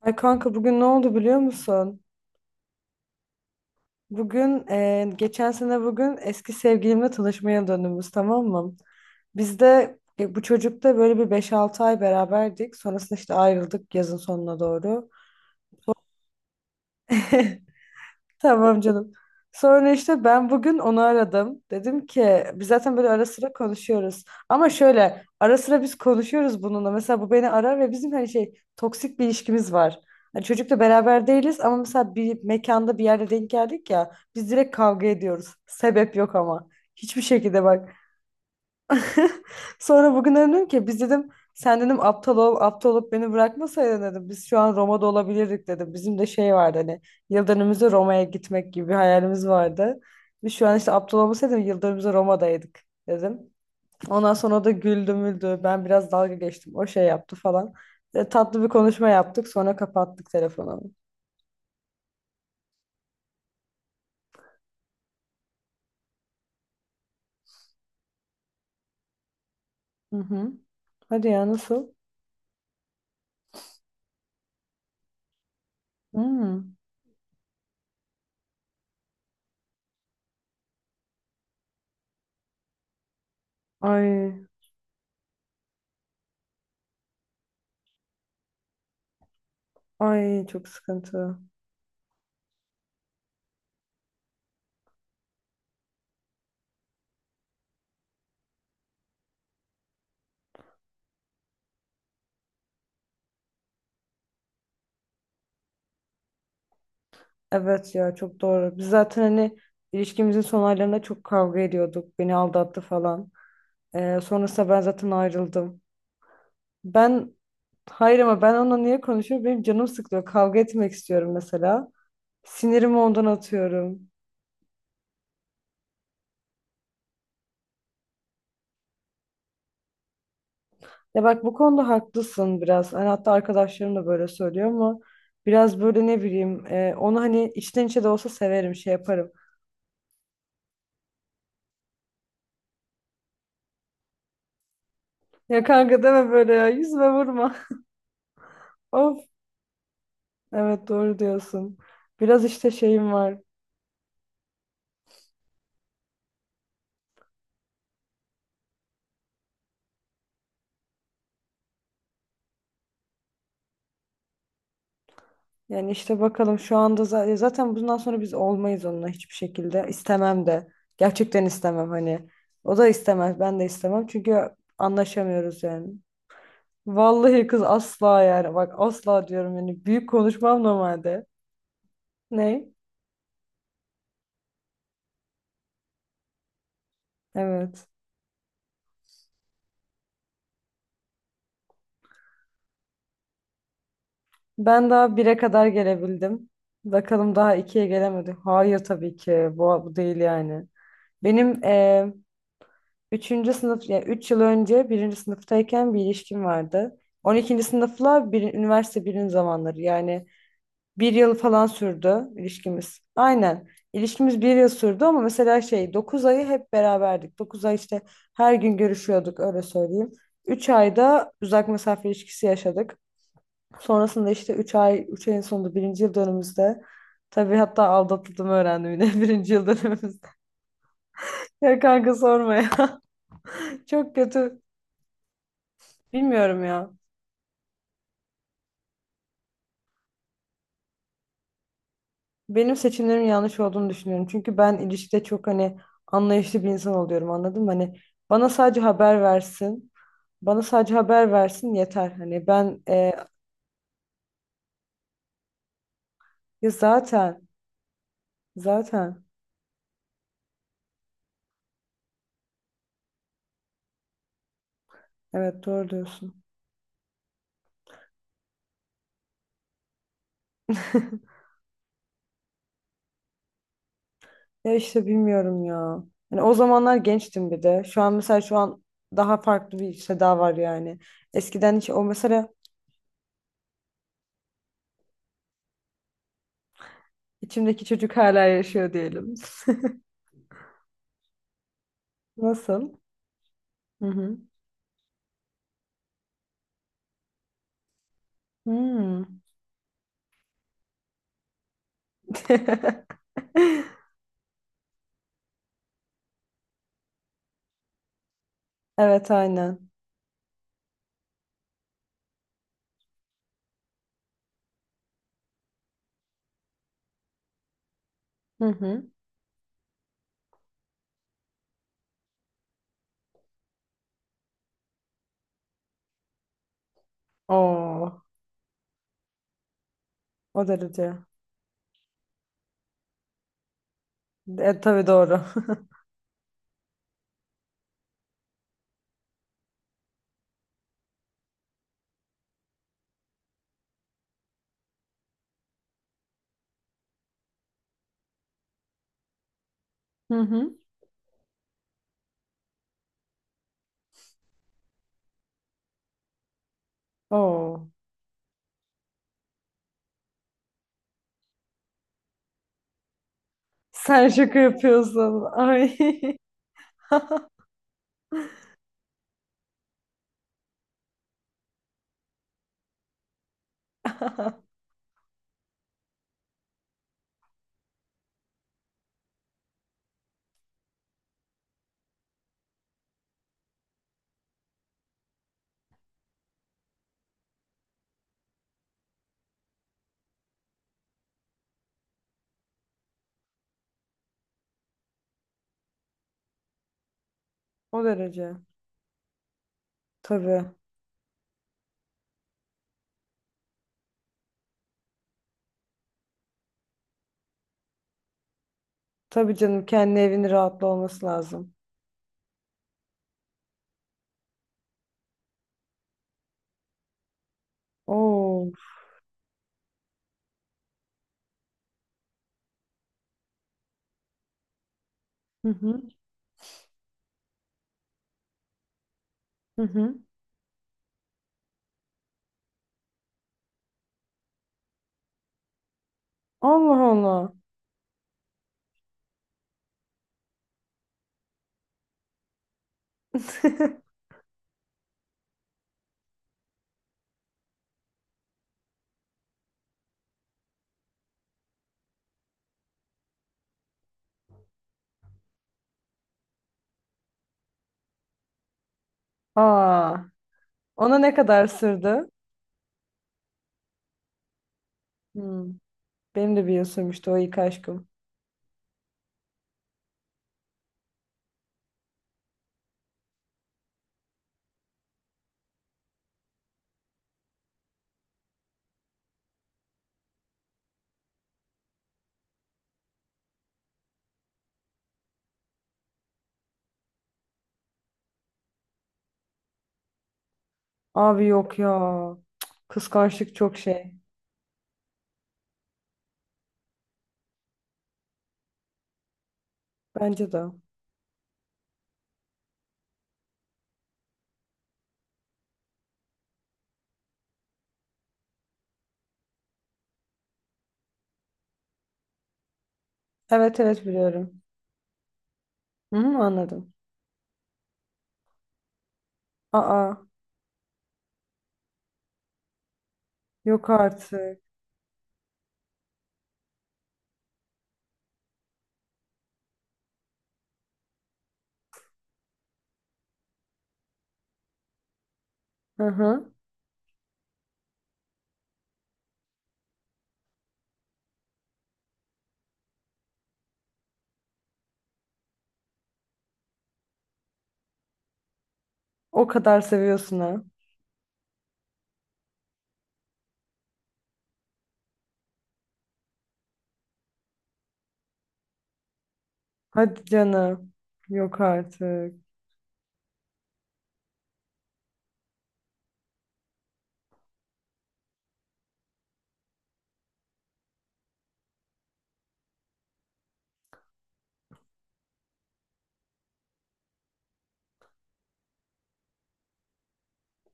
Ay kanka, bugün ne oldu biliyor musun? Bugün geçen sene bugün eski sevgilimle tanışmaya döndüğümüz, tamam mı? Biz de bu çocukla böyle bir beş altı ay beraberdik. Sonrasında işte ayrıldık yazın sonuna doğru. Tamam canım. Sonra işte ben bugün onu aradım. Dedim ki biz zaten böyle ara sıra konuşuyoruz. Ama şöyle ara sıra biz konuşuyoruz bununla. Mesela bu beni arar ve bizim hani şey toksik bir ilişkimiz var. Hani çocukla beraber değiliz ama mesela bir mekanda bir yerde denk geldik ya biz direkt kavga ediyoruz. Sebep yok ama. Hiçbir şekilde bak. Sonra bugün dedim ki biz dedim sen dedim aptal ol aptal olup beni bırakmasaydın dedim biz şu an Roma'da olabilirdik dedim. Bizim de şey vardı, hani yıl dönümümüzde Roma'ya gitmek gibi bir hayalimiz vardı. Biz şu an işte aptal olmasaydım yıl dönümümüzde Roma'daydık dedim. Ondan sonra o da güldü müldü, ben biraz dalga geçtim, o şey yaptı falan. Tatlı bir konuşma yaptık, sonra kapattık telefonu. Hı hı. Hadi ya, nasıl? Hmm. Ay, ay çok sıkıntı. Evet ya, çok doğru. Biz zaten hani ilişkimizin son aylarında çok kavga ediyorduk. Beni aldattı falan. Sonrasında ben zaten ayrıldım. Ben hayır, ama ben onunla niye konuşuyorum? Benim canım sıkılıyor. Kavga etmek istiyorum mesela. Sinirimi ondan atıyorum. Ya bak, bu konuda haklısın biraz. Hani hatta arkadaşlarım da böyle söylüyor, ama biraz böyle ne bileyim onu hani içten içe de olsa severim, şey yaparım. Ya kanka, deme böyle ya, yüzüme vurma. Of, evet doğru diyorsun. Biraz işte şeyim var. Yani işte bakalım şu anda zaten bundan sonra biz olmayız onunla hiçbir şekilde. İstemem de. Gerçekten istemem hani. O da istemez, ben de istemem. Çünkü anlaşamıyoruz yani. Vallahi kız asla, yani. Bak asla diyorum yani. Büyük konuşmam normalde. Ne? Evet. Ben daha bire kadar gelebildim. Bakalım, daha ikiye gelemedim. Hayır tabii ki. Bu değil yani. Benim üçüncü sınıf, ya üç yıl önce birinci sınıftayken bir ilişkim vardı. On ikinci sınıfla bir, üniversite birin zamanları yani bir yıl falan sürdü ilişkimiz. Aynen. İlişkimiz bir yıl sürdü ama mesela şey 9 ayı hep beraberdik. Dokuz ay işte her gün görüşüyorduk öyle söyleyeyim. Üç ayda uzak mesafe ilişkisi yaşadık. Sonrasında işte 3 ay, 3 ayın sonunda birinci yıl dönümümüzde, tabii hatta aldatıldığımı öğrendim yine birinci yıl dönümümüzde. Ya kanka, sorma ya. Çok kötü. Bilmiyorum ya. Benim seçimlerim yanlış olduğunu düşünüyorum. Çünkü ben ilişkide çok hani anlayışlı bir insan oluyorum, anladın mı? Hani bana sadece haber versin. Bana sadece haber versin yeter. Hani ben ya zaten zaten evet, doğru diyorsun. Ya işte bilmiyorum ya. Hani o zamanlar gençtim bir de. Şu an mesela, şu an daha farklı bir seda var yani. Eskiden hiç o mesela içimdeki çocuk hala yaşıyor diyelim. Nasıl? Hı hı. Hmm. Evet aynen. Hı hı. Oo, o derece. Tabii doğru. Hı hı. Oo. Sen şaka yapıyorsun. Ay. O derece. Tabii. Tabii canım, kendi evinin rahatlı olması lazım. Oo. Hı hı. Hı hı. Allah Allah. Aa. Ona ne kadar sürdü? Hmm. Benim de bir yıl sürmüştü o ilk aşkım. Abi yok ya. Kıskançlık çok şey. Bence de. Evet evet, biliyorum. Hı hı, anladım. Aa. Yok artık. Hı hı. O kadar seviyorsun ha. Hadi canım. Yok artık.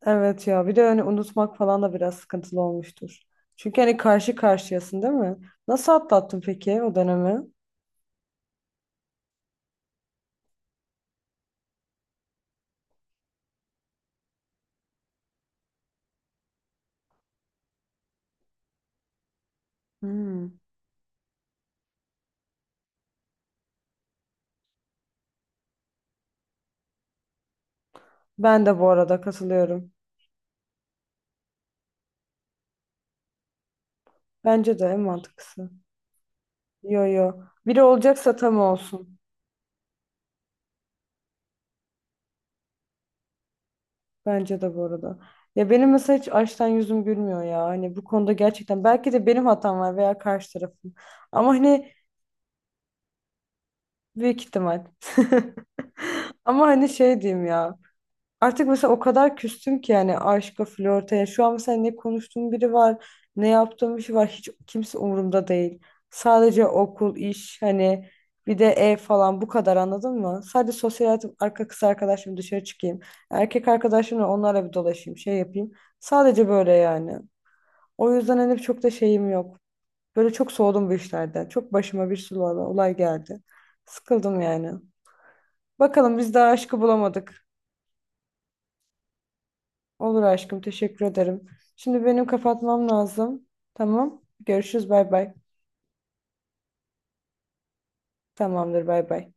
Evet ya, bir de hani unutmak falan da biraz sıkıntılı olmuştur. Çünkü hani karşı karşıyasın değil mi? Nasıl atlattın peki o dönemi? Hmm. Ben de bu arada katılıyorum. Bence de en mantıklısı. Yo yo. Biri olacaksa tam olsun. Bence de bu arada. Ya benim mesela hiç açtan yüzüm gülmüyor ya. Hani bu konuda gerçekten belki de benim hatam var veya karşı tarafın. Ama hani büyük ihtimal. Ama hani şey diyeyim ya. Artık mesela o kadar küstüm ki yani aşka, flörte. Yani şu an mesela ne konuştuğum biri var, ne yaptığım bir şey var. Hiç kimse umurumda değil. Sadece okul, iş, hani bir de ev falan bu kadar, anladın mı? Sadece sosyal hayatım, arka kız arkadaşım dışarı çıkayım. Erkek arkadaşımla onlarla bir dolaşayım, şey yapayım. Sadece böyle yani. O yüzden hani çok da şeyim yok. Böyle çok soğudum bu işlerden. Çok başıma bir sürü olay geldi. Sıkıldım yani. Bakalım, biz daha aşkı bulamadık. Olur aşkım, teşekkür ederim. Şimdi benim kapatmam lazım. Tamam. Görüşürüz, bay bay. Tamamdır, bay bay.